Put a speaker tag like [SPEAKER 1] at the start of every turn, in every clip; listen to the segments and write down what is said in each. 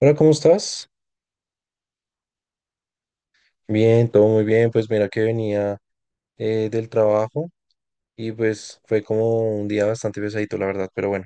[SPEAKER 1] Hola, ¿cómo estás? Bien, todo muy bien. Pues mira que venía del trabajo y pues fue como un día bastante pesadito, la verdad, pero bueno,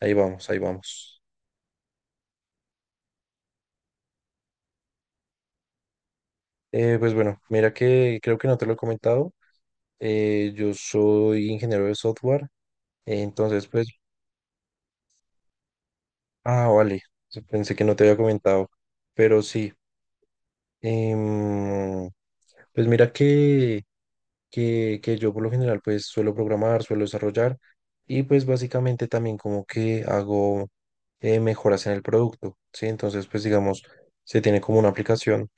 [SPEAKER 1] ahí vamos, ahí vamos. Pues bueno, mira que creo que no te lo he comentado. Yo soy ingeniero de software, entonces pues, ah, vale, pensé que no te había comentado, pero sí. em, pues mira que que yo por lo general pues suelo programar, suelo desarrollar y pues básicamente también como que hago mejoras en el producto, ¿sí? Entonces pues digamos, se tiene como una aplicación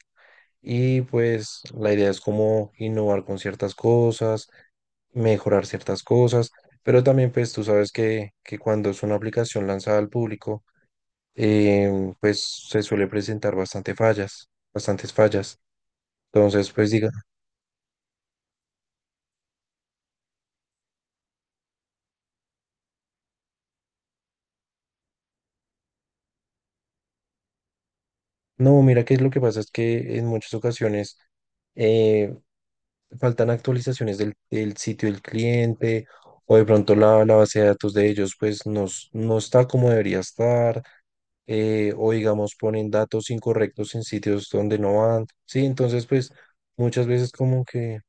[SPEAKER 1] y pues la idea es como innovar con ciertas cosas, mejorar ciertas cosas, pero también pues tú sabes que cuando es una aplicación lanzada al público, pues se suele presentar bastante fallas, bastantes fallas. Entonces pues digamos no, mira que lo que pasa es que en muchas ocasiones eh, faltan actualizaciones del sitio del cliente o de pronto la base de datos de ellos pues no, no está como debería estar, o digamos ponen datos incorrectos en sitios donde no van. Sí, entonces pues muchas veces como que,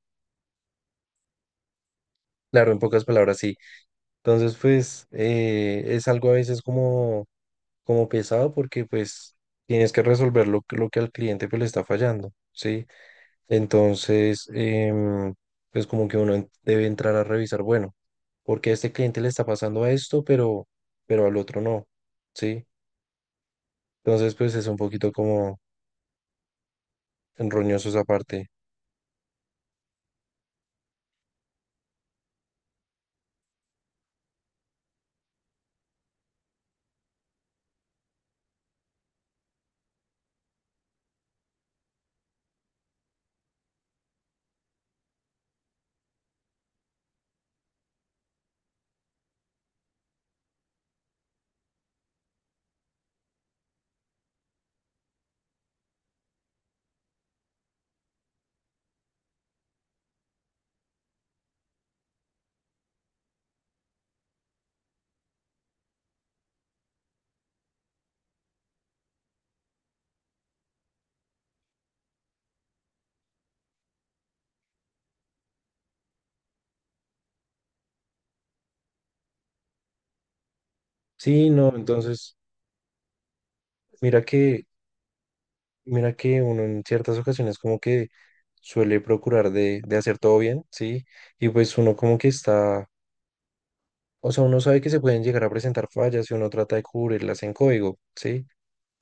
[SPEAKER 1] claro, en pocas palabras sí. Entonces pues es algo a veces como, como pesado porque pues tienes que resolver lo, lo que al cliente pues le está fallando. Sí. Entonces, pues como que uno debe entrar a revisar, bueno, porque a este cliente le está pasando a esto, pero al otro no, ¿sí? Entonces, pues es un poquito como enroñoso esa parte. Sí, no, entonces, mira que, mira que uno en ciertas ocasiones como que suele procurar de hacer todo bien, ¿sí? Y pues uno como que está, o sea, uno sabe que se pueden llegar a presentar fallas y uno trata de cubrirlas en código, ¿sí?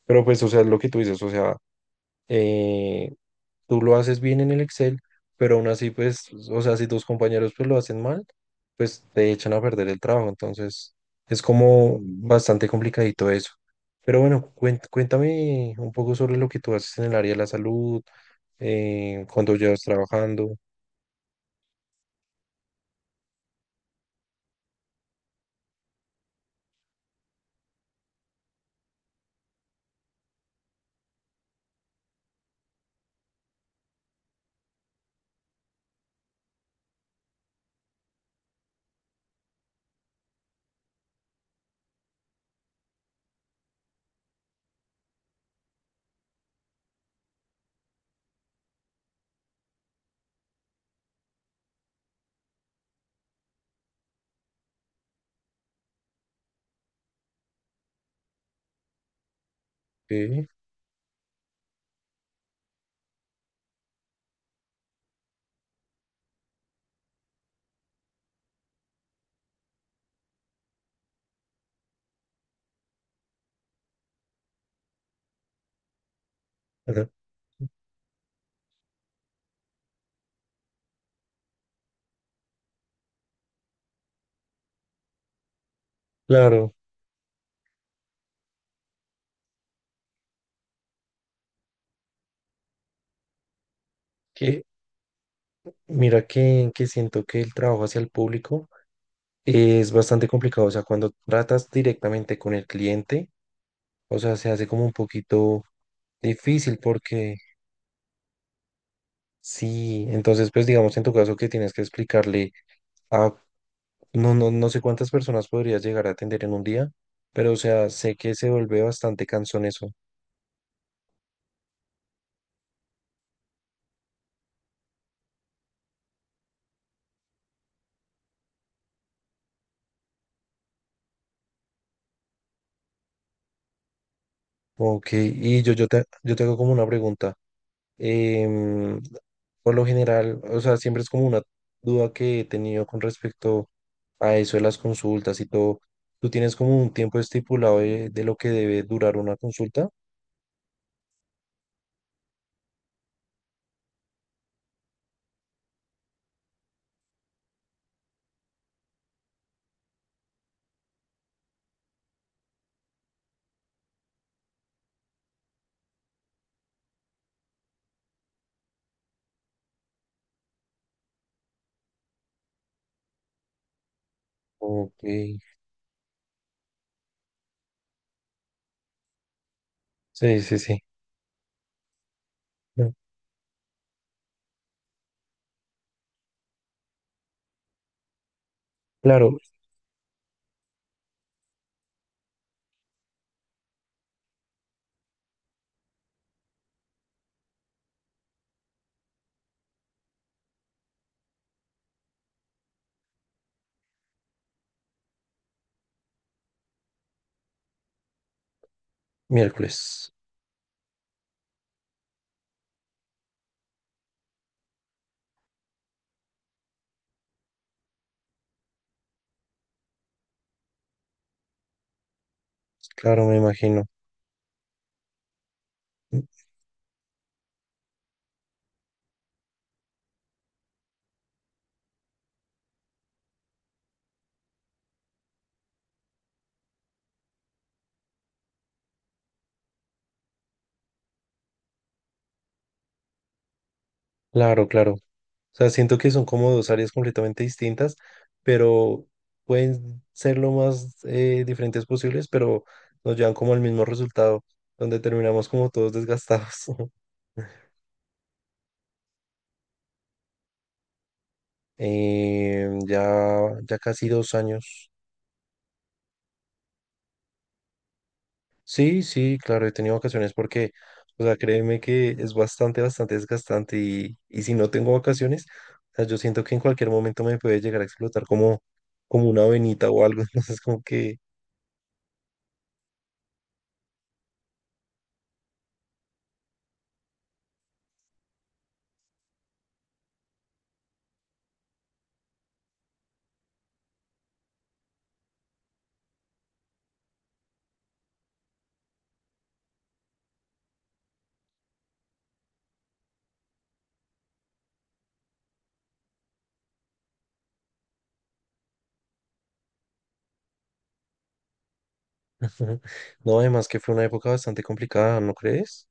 [SPEAKER 1] Pero pues, o sea, es lo que tú dices, o sea, eh, tú lo haces bien en el Excel, pero aún así, pues, o sea, si tus compañeros pues lo hacen mal, pues te echan a perder el trabajo. Entonces, es como bastante complicadito eso. Pero bueno, cuéntame un poco sobre lo que tú haces en el área de la salud, cuando llevas trabajando. ¿Sí? Ajá. Claro, que mira que siento que el trabajo hacia el público es bastante complicado. O sea, cuando tratas directamente con el cliente, o sea, se hace como un poquito difícil porque sí, entonces pues digamos en tu caso que tienes que explicarle a no, no, no sé cuántas personas podrías llegar a atender en un día, pero o sea, sé que se vuelve bastante cansón eso. Ok, y yo te hago como una pregunta. Em, por lo general, o sea, siempre es como una duda que he tenido con respecto a eso de las consultas y todo. ¿Tú tienes como un tiempo estipulado de lo que debe durar una consulta? Ok, sí, sí, sí. Mm. Claro. Miércoles. Claro, me imagino. Claro, claro. O sea, siento que son como dos áreas completamente distintas, pero pueden ser lo más diferentes posibles, pero nos llevan como al mismo resultado, donde terminamos como todos desgastados. Ya, ya casi dos años. Sí, sí, claro, he tenido vacaciones porque, o sea, créeme que es bastante, bastante desgastante y si no tengo vacaciones, o sea, yo siento que en cualquier momento me puede llegar a explotar como, como una venita o algo, entonces como que, no, además que fue una época bastante complicada, ¿no crees?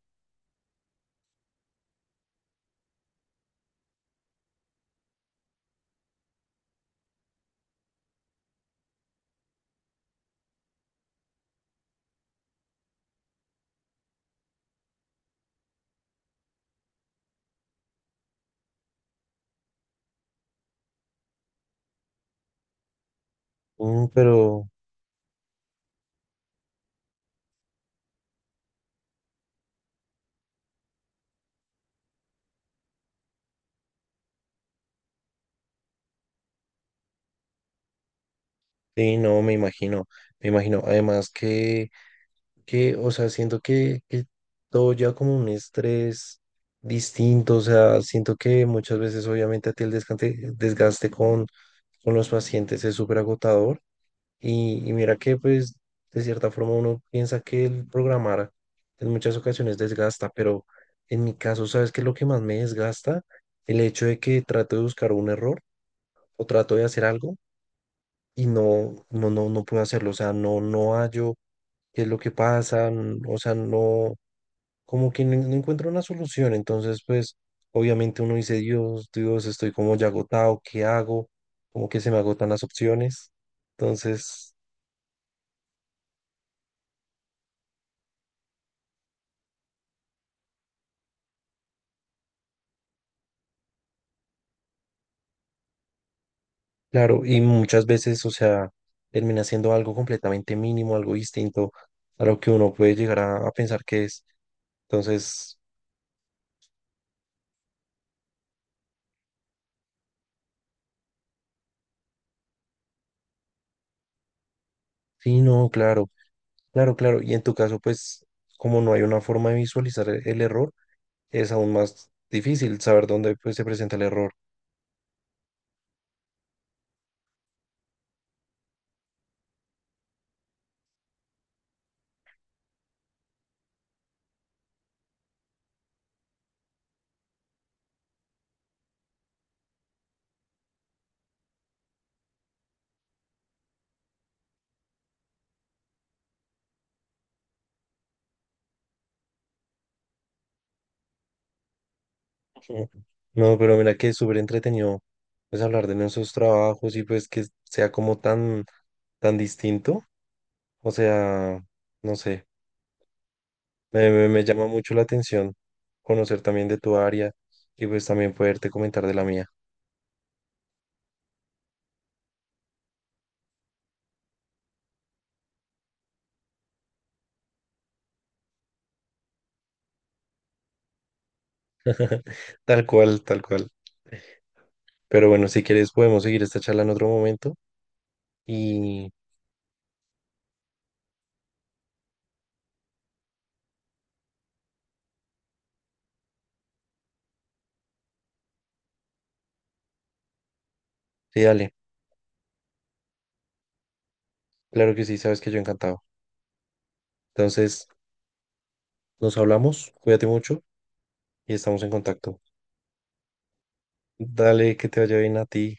[SPEAKER 1] Mm, pero, sí, no, me imagino, además que, o sea, siento que todo ya como un estrés distinto, o sea, siento que muchas veces obviamente a ti el desgaste, con los pacientes es súper agotador y mira que pues de cierta forma uno piensa que el programar en muchas ocasiones desgasta, pero en mi caso, ¿sabes qué es lo que más me desgasta? El hecho de que trato de buscar un error o trato de hacer algo y no puedo hacerlo, o sea, no hallo qué es lo que pasa, o sea, no, como que no encuentro una solución. Entonces, pues, obviamente uno dice, Dios, Dios, estoy como ya agotado, ¿qué hago? Como que se me agotan las opciones. Entonces, claro, y muchas veces, o sea, termina siendo algo completamente mínimo, algo distinto a lo que uno puede llegar a pensar que es. Entonces, sí, no, claro, claro, claro. Y en tu caso, pues, como no hay una forma de visualizar el error, es aún más difícil saber dónde, pues, se presenta el error. Mm. No, pero mira que es súper entretenido pues hablar de nuestros trabajos y pues que sea como tan, tan distinto. O sea, no sé, me llama mucho la atención conocer también de tu área y pues también poderte comentar de la mía. Tal cual, tal cual. Pero bueno, si quieres podemos seguir esta charla en otro momento y sí, dale, claro que sí, sabes que yo encantado. Entonces, nos hablamos, cuídate mucho y estamos en contacto. Dale, que te vaya bien a ti.